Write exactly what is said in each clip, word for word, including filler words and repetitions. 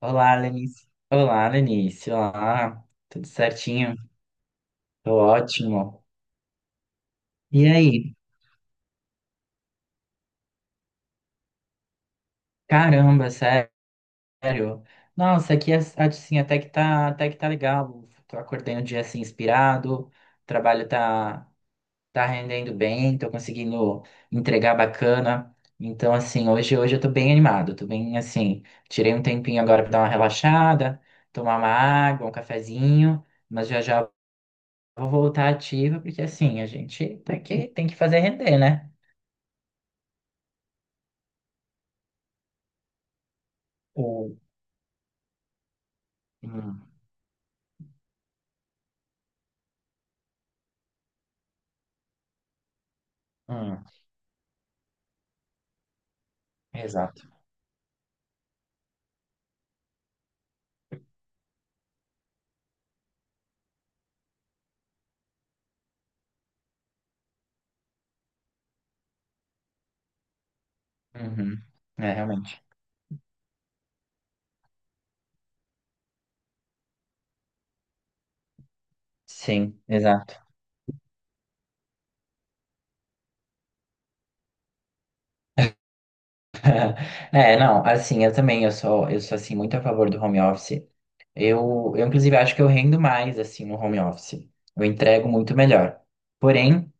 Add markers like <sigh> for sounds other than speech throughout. Olá, Lenice. Olá, Lenice. Olá, tudo certinho? Tô ótimo. E aí? Caramba, sério? Nossa, aqui assim, até que tá, até que tá legal. Tô acordei um dia assim inspirado, o trabalho tá tá rendendo bem, tô conseguindo entregar bacana. Então, assim, hoje hoje eu tô bem animado, tô bem assim, tirei um tempinho agora pra dar uma relaxada, tomar uma água, um cafezinho, mas já já vou voltar ativa, porque assim, a gente tem que, tem que fazer render, né? O... Hum, hum, exato. Uhum. É, realmente. Sim, exato. É, não, assim, eu também, eu sou, eu sou, assim, muito a favor do home office. Eu, eu, inclusive, acho que eu rendo mais, assim, no home office. Eu entrego muito melhor. Porém,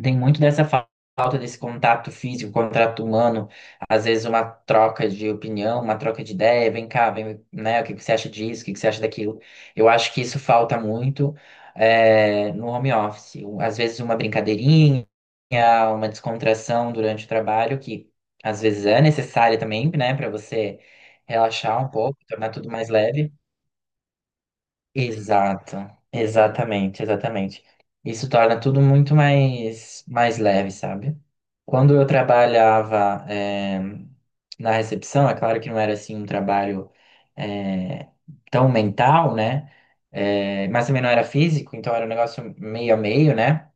tem muito dessa fa- falta desse contato físico, contato humano, às vezes uma troca de opinião, uma troca de ideia, vem cá, vem, né, o que que você acha disso, o que que você acha daquilo. Eu acho que isso falta muito, é, no home office. Às vezes uma brincadeirinha, uma descontração durante o trabalho, que às vezes é necessária também, né, para você relaxar um pouco, tornar tudo mais leve. Exato, exatamente, exatamente. Isso torna tudo muito mais, mais leve, sabe? Quando eu trabalhava, eh, na recepção, é claro que não era assim um trabalho, eh, tão mental, né? Eh, mas também não era físico, então era um negócio meio a meio, né?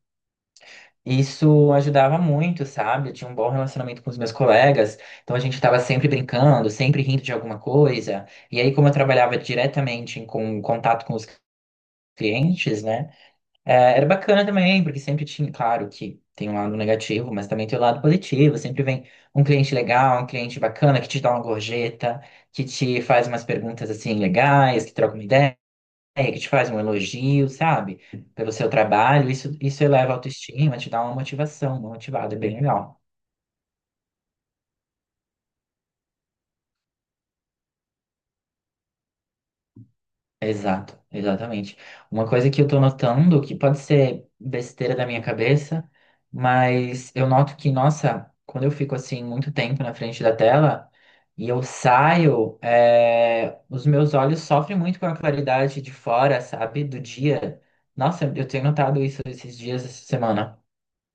Isso ajudava muito, sabe? Eu tinha um bom relacionamento com os meus colegas, então a gente estava sempre brincando, sempre rindo de alguma coisa. E aí, como eu trabalhava diretamente em- com contato com os clientes, né? É, era bacana também, porque sempre tinha, claro que tem um lado negativo, mas também tem o lado positivo. Sempre vem um cliente legal, um cliente bacana que te dá uma gorjeta, que te faz umas perguntas assim legais, que troca uma ideia, que te faz um elogio, sabe? Pelo seu trabalho. Isso, isso eleva a autoestima, te dá uma motivação, uma motivada, é bem legal. Exato, exatamente. Uma coisa que eu tô notando, que pode ser besteira da minha cabeça, mas eu noto que, nossa, quando eu fico assim muito tempo na frente da tela e eu saio, é, os meus olhos sofrem muito com a claridade de fora, sabe, do dia. Nossa, eu tenho notado isso esses dias, essa semana.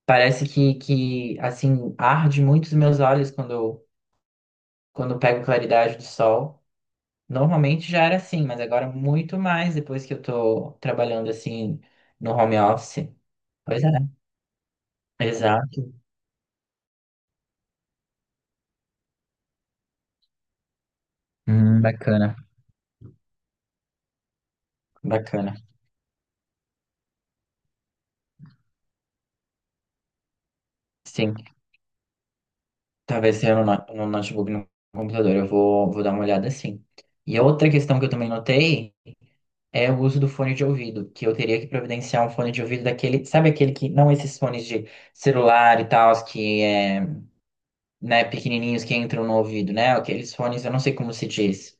Parece que, que assim, arde muito os meus olhos quando, eu- quando eu pego claridade do sol. Normalmente já era assim, mas agora é muito mais depois que eu tô trabalhando assim no home office. Pois é. Exato. Hum, bacana. Bacana. Sim. Talvez seja no, no- no notebook, no computador. Eu vou, vou dar uma olhada assim. E a outra questão que eu também notei é o uso do fone de ouvido, que eu teria que providenciar um fone de ouvido daquele, sabe aquele que, não esses fones de celular e tal, que é, né, pequenininhos que entram no ouvido, né? Aqueles fones, eu não sei como se diz.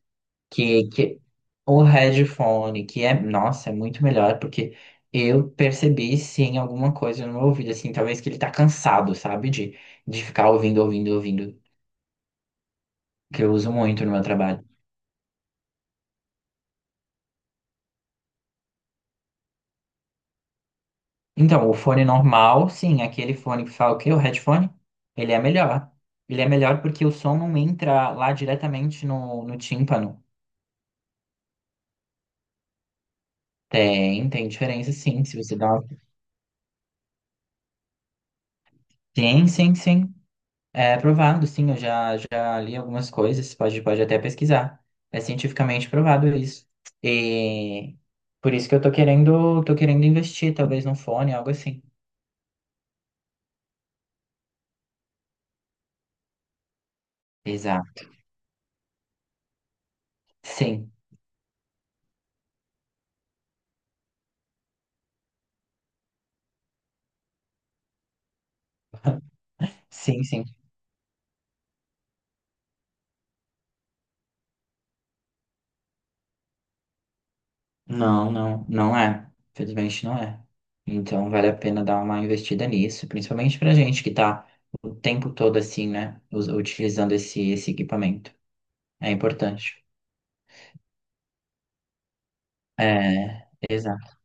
que, que o headphone, que é, nossa, é muito melhor, porque eu percebi sim alguma coisa no meu ouvido, assim, talvez que ele tá cansado, sabe, de, de ficar ouvindo, ouvindo, ouvindo, que eu uso muito no meu trabalho. Então, o fone normal, sim, aquele fone que fala o quê? O headphone, ele é melhor. Ele é melhor porque o som não entra lá diretamente no, no tímpano. Tem, tem diferença, sim, se você dá uma... Sim, sim, sim. É provado, sim, eu já, já li algumas coisas, pode, pode até pesquisar. É cientificamente provado isso. E por isso que eu tô querendo, tô querendo investir, talvez num fone, algo assim. Exato. Sim, sim, sim. Não, não, não é. Felizmente não é. Então vale a pena dar uma investida nisso, principalmente pra gente que tá o tempo todo assim, né, us- utilizando esse, esse equipamento. É importante. É, exato.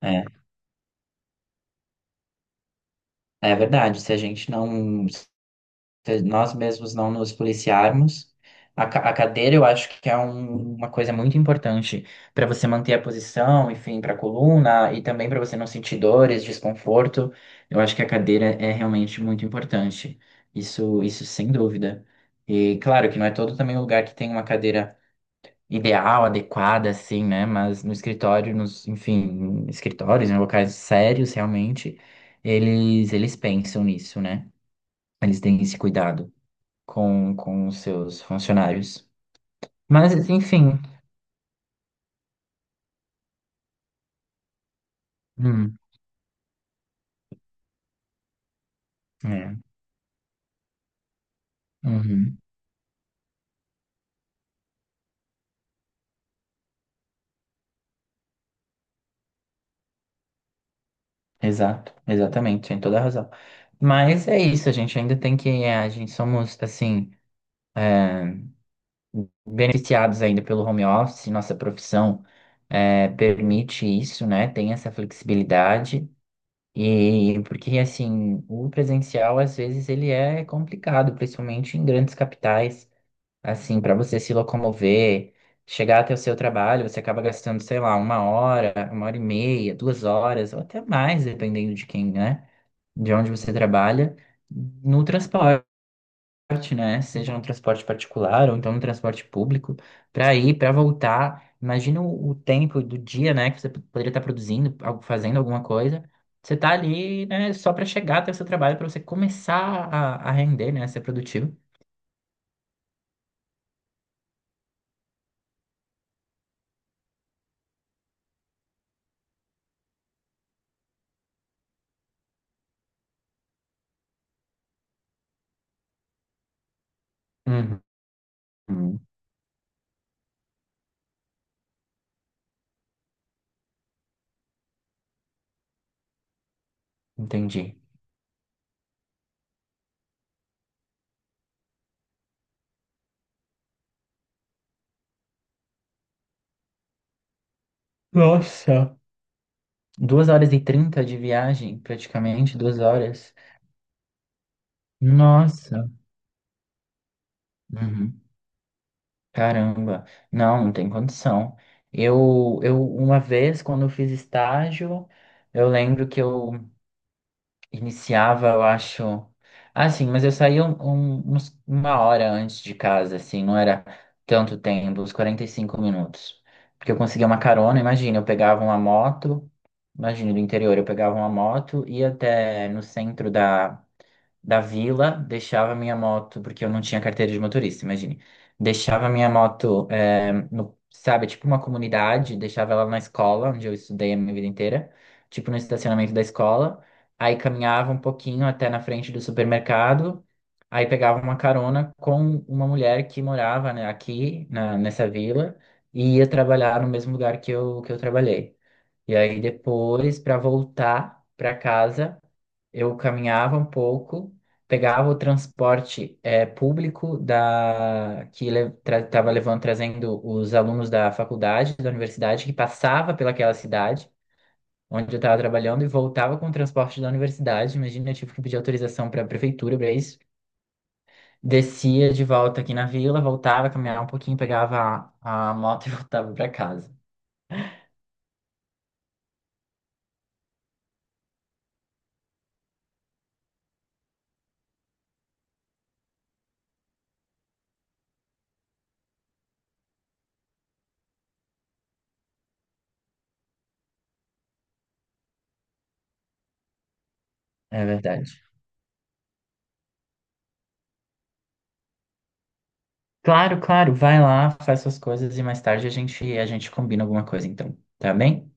É, é verdade. Se a gente não se nós mesmos não nos policiarmos. A, ca- a cadeira eu acho que é um- uma coisa muito importante para você manter a posição, enfim, para a coluna e também para você não sentir dores, desconforto. Eu acho que a cadeira é realmente muito importante. Isso, isso sem dúvida. E claro que não é todo também o lugar que tem uma cadeira ideal, adequada, assim, né? Mas no escritório, nos, enfim, escritórios, em locais sérios, realmente, eles, eles pensam nisso, né? Eles têm esse cuidado com, com os seus funcionários. Mas, enfim. Hum, é, uhum, exato, exatamente, tem toda a razão. Mas é isso, a gente ainda tem que. É, a gente somos, assim, beneficiados ainda pelo home office, nossa profissão é, permite isso, né? Tem essa flexibilidade. E porque, assim, o presencial, às vezes, ele é complicado, principalmente em grandes capitais. Assim, para você se locomover, chegar até o seu trabalho, você acaba gastando, sei lá, uma hora, uma hora e meia, duas horas, ou até mais, dependendo de quem, né? De onde você trabalha, no transporte, né? Seja no transporte particular ou então no transporte público, para ir, para voltar. Imagina o o tempo do dia, né? Que você poderia estar produzindo, algo- fazendo alguma coisa. Você tá ali, né, só para chegar até o seu trabalho, para você começar a, a render, né, a ser produtivo. Uhum. Entendi. Nossa, duas horas e trinta de viagem, praticamente, duas horas. Nossa, uhum. Caramba, não, não tem condição. Eu, eu, uma vez, quando eu fiz estágio, eu lembro que eu iniciava, eu acho. Ah, sim, mas eu saía um- um- uns- uma hora antes de casa, assim, não era tanto tempo, uns quarenta e cinco minutos. Porque eu conseguia uma carona, imagina, eu pegava uma moto, imagina, do interior, eu pegava uma moto, ia até no centro da da vila, deixava minha moto, porque eu não tinha carteira de motorista, imagine. Deixava minha moto, é, no, sabe, tipo uma comunidade, deixava ela na escola, onde eu estudei a minha vida inteira, tipo no estacionamento da escola. Aí caminhava um pouquinho até na frente do supermercado, aí pegava uma carona com uma mulher que morava, né, aqui na, nessa vila e ia trabalhar no mesmo lugar que eu, que eu trabalhei. E aí depois, para voltar para casa, eu caminhava um pouco, pegava o transporte eh, público da que estava levando, trazendo os alunos da faculdade, da universidade, que passava pelaquela cidade onde eu estava trabalhando e voltava com o transporte da universidade. Imagina, eu tive que pedir autorização para a prefeitura para isso. Descia de volta aqui na vila, voltava, caminhava um pouquinho, pegava a, a moto <laughs> e voltava para casa. É verdade. Claro, claro, vai lá, faz suas coisas e mais tarde a gente a gente combina alguma coisa, então. Tá bem?